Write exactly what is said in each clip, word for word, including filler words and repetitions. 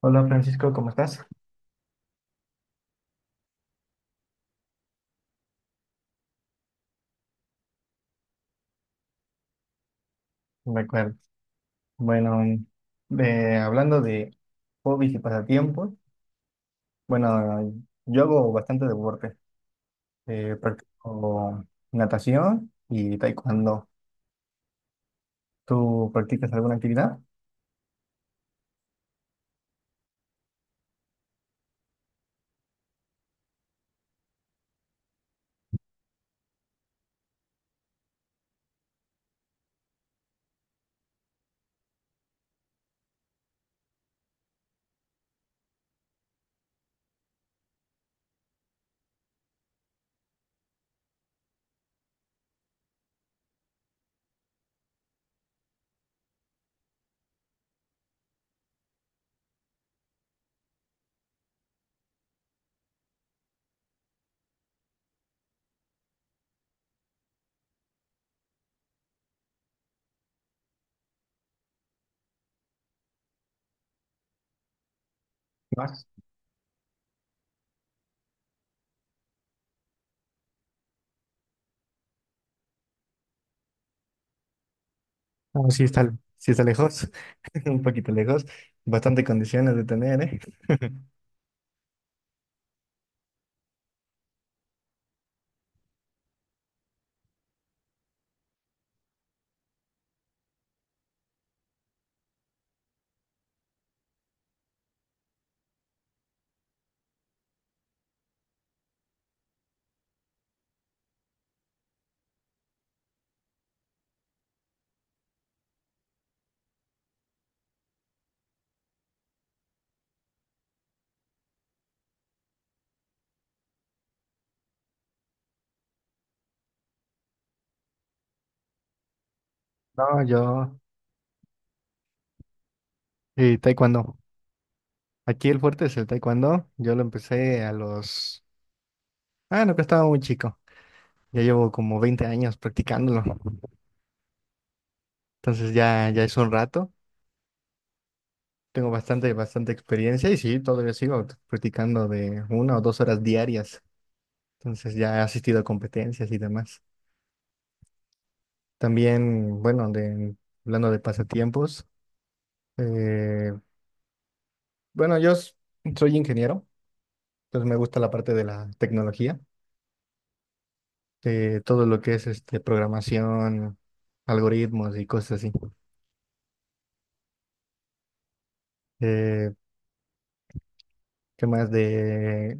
Hola Francisco, ¿cómo estás? De acuerdo. Bueno, de- hablando de hobbies y pasatiempos, bueno, yo hago bastante deporte. Eh, practico natación y taekwondo. ¿Tú practicas alguna actividad? ¿Más? No, sí está, sí está lejos, un poquito lejos. Bastante condiciones de tener, ¿eh? No, yo, eh, taekwondo. Aquí el fuerte es el taekwondo. Yo lo empecé a los... Ah, no, que estaba muy chico. Ya llevo como veinte años practicándolo. Entonces ya, ya es un rato, tengo bastante, bastante experiencia y sí, todavía sigo practicando de una o dos horas diarias. Entonces ya he asistido a competencias y demás. También, bueno, de, hablando de pasatiempos, eh, bueno, yo s- soy ingeniero, entonces me gusta la parte de la tecnología, eh, todo lo que es este, programación, algoritmos y cosas así. Eh, ¿qué más de,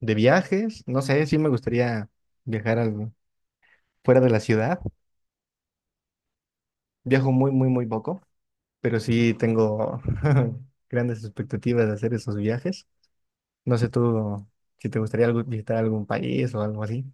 de viajes? No sé, sí me gustaría viajar al- fuera de la ciudad. Viajo muy, muy, muy poco, pero sí tengo grandes expectativas de hacer esos viajes. No sé tú si te gustaría algo- visitar algún país o algo así.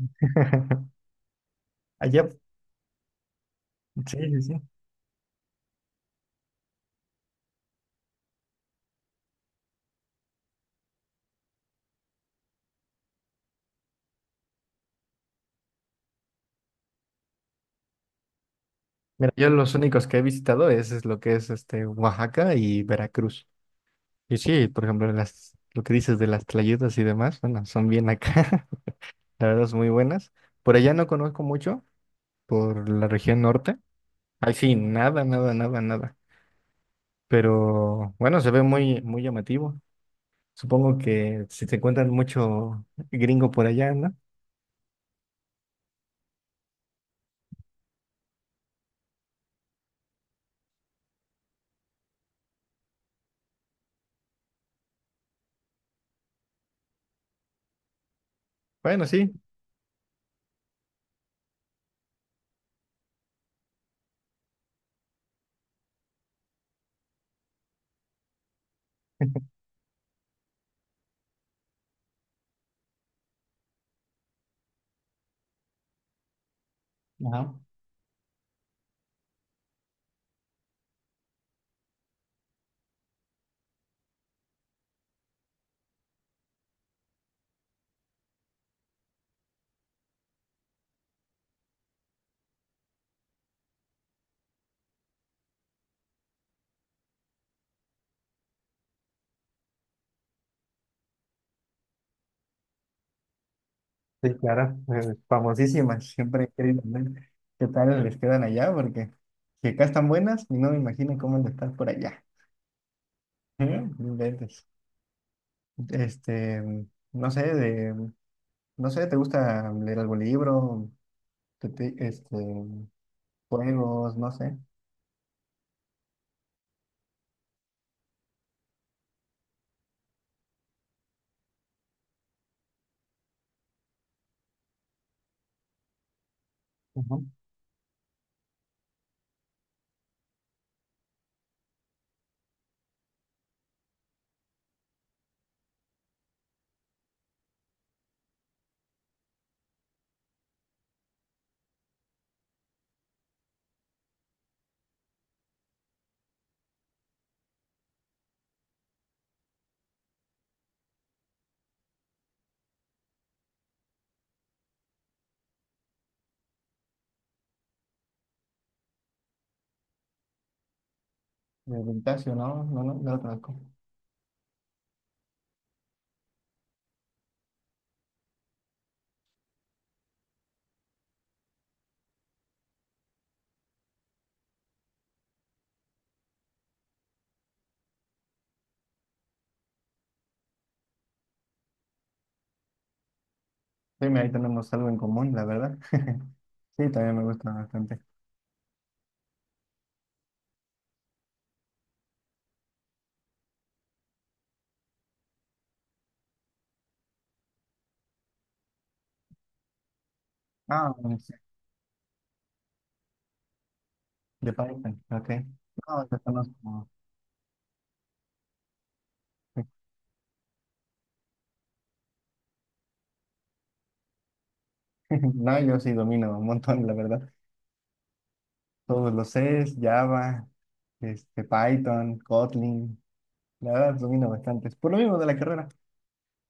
Allá, sí, sí, sí. Mira, yo los únicos que he visitado es, es lo que es este Oaxaca y Veracruz. Y sí, por ejemplo, las, lo que dices de las tlayudas y demás, bueno, son bien acá, la verdad son muy buenas. Por allá no conozco mucho, por la región norte. Ahí sí, nada, nada, nada, nada. Pero bueno, se ve muy, muy llamativo. Supongo que si se encuentran mucho gringo por allá, ¿no? Bueno, sí. Ajá. Sí, claro, eh, famosísimas, siempre he querido ver qué tal les quedan allá, porque si acá están buenas, no me imagino cómo les están por allá. Ujú, no inventes. Este, no sé, de, no sé, ¿te gusta leer algún libro? Te- te- Este, juegos, no sé, Ajá. De Vintasio, ¿no? No, no, no lo conozco. Sí, mira, ahí tenemos algo en común, la verdad. Sí, también me gusta bastante. Ah, bueno, sí, de Python, ok. No, yo conozco. No, yo sí domino un montón, la verdad. Todos los Cs, Java, este, Python, Kotlin, la verdad domino bastantes. Por lo mismo de la carrera.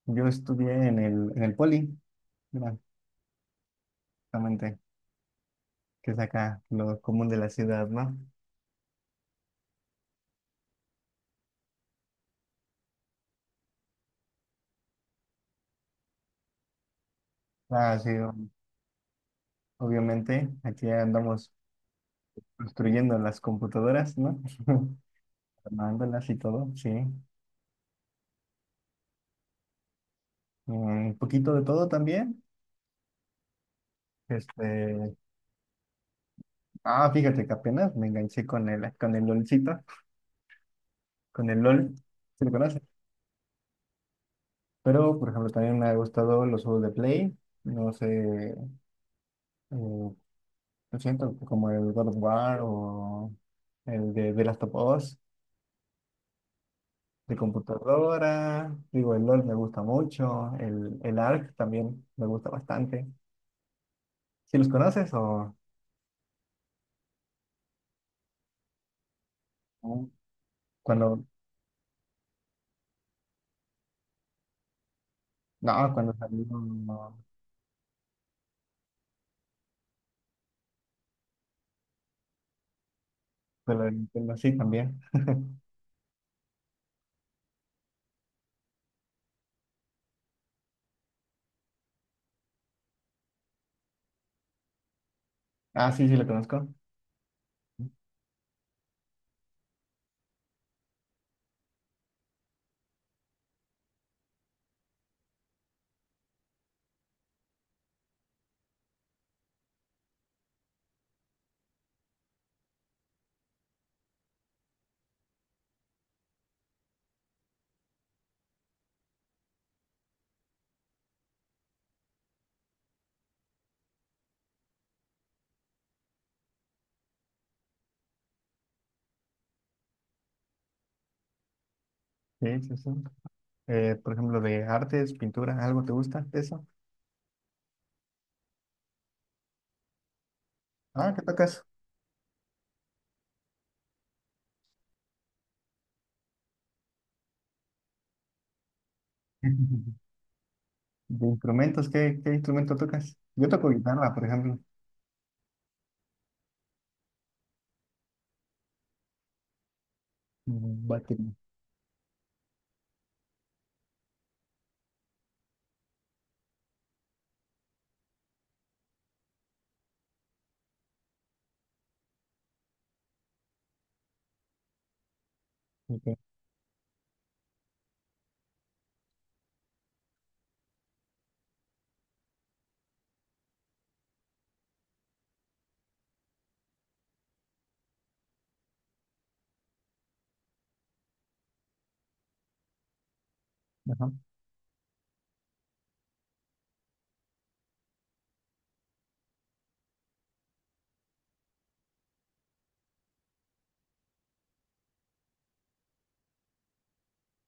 Yo estudié en el, en el Poli, mira, justamente, que es acá lo común de la ciudad, ¿no? Ah, sí, o- Obviamente, aquí andamos construyendo las computadoras, ¿no? Armándolas y todo, sí. Un poquito de todo también. Este, ah, fíjate que apenas me enganché con el, con el LOLcito, con el LOL, si lo conoces. Pero, por ejemplo, también me ha gustado los juegos de Play. No sé, eh, lo siento, como el God of War o el de The Last of Us de computadora. Digo, el LOL me gusta mucho. El, el Ark también me gusta bastante. Si los conoces o o cuando, no, cuando salió, no, pero, el- pero sí también. Ah, sí, sí lo conozco. Sí, sí, sí. Eh, por ejemplo, de artes, pintura, ¿algo te gusta de eso? Ah, ¿qué tocas? ¿De instrumentos? ¿Qué, qué instrumento tocas? Yo toco guitarra, por ejemplo. Mm, batería. Ok, ajá.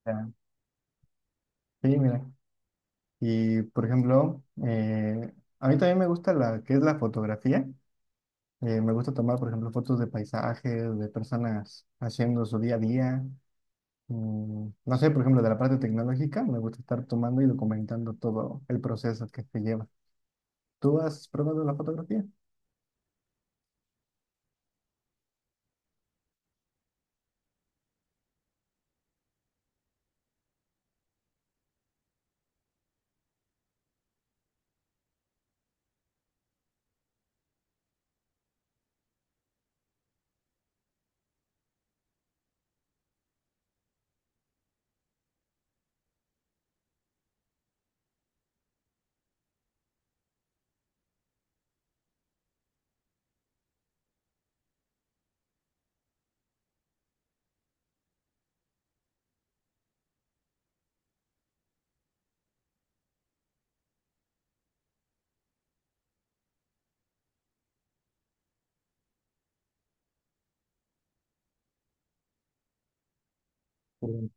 Ya. Sí, mira. Y, por ejemplo, eh, a mí también me gusta la que es la fotografía. Eh, me gusta tomar, por ejemplo, fotos de paisajes, de personas haciendo su día a día. Mm, no sé, por ejemplo, de la parte tecnológica, me gusta estar tomando y documentando todo el proceso que se lleva. ¿Tú has probado la fotografía? Sí.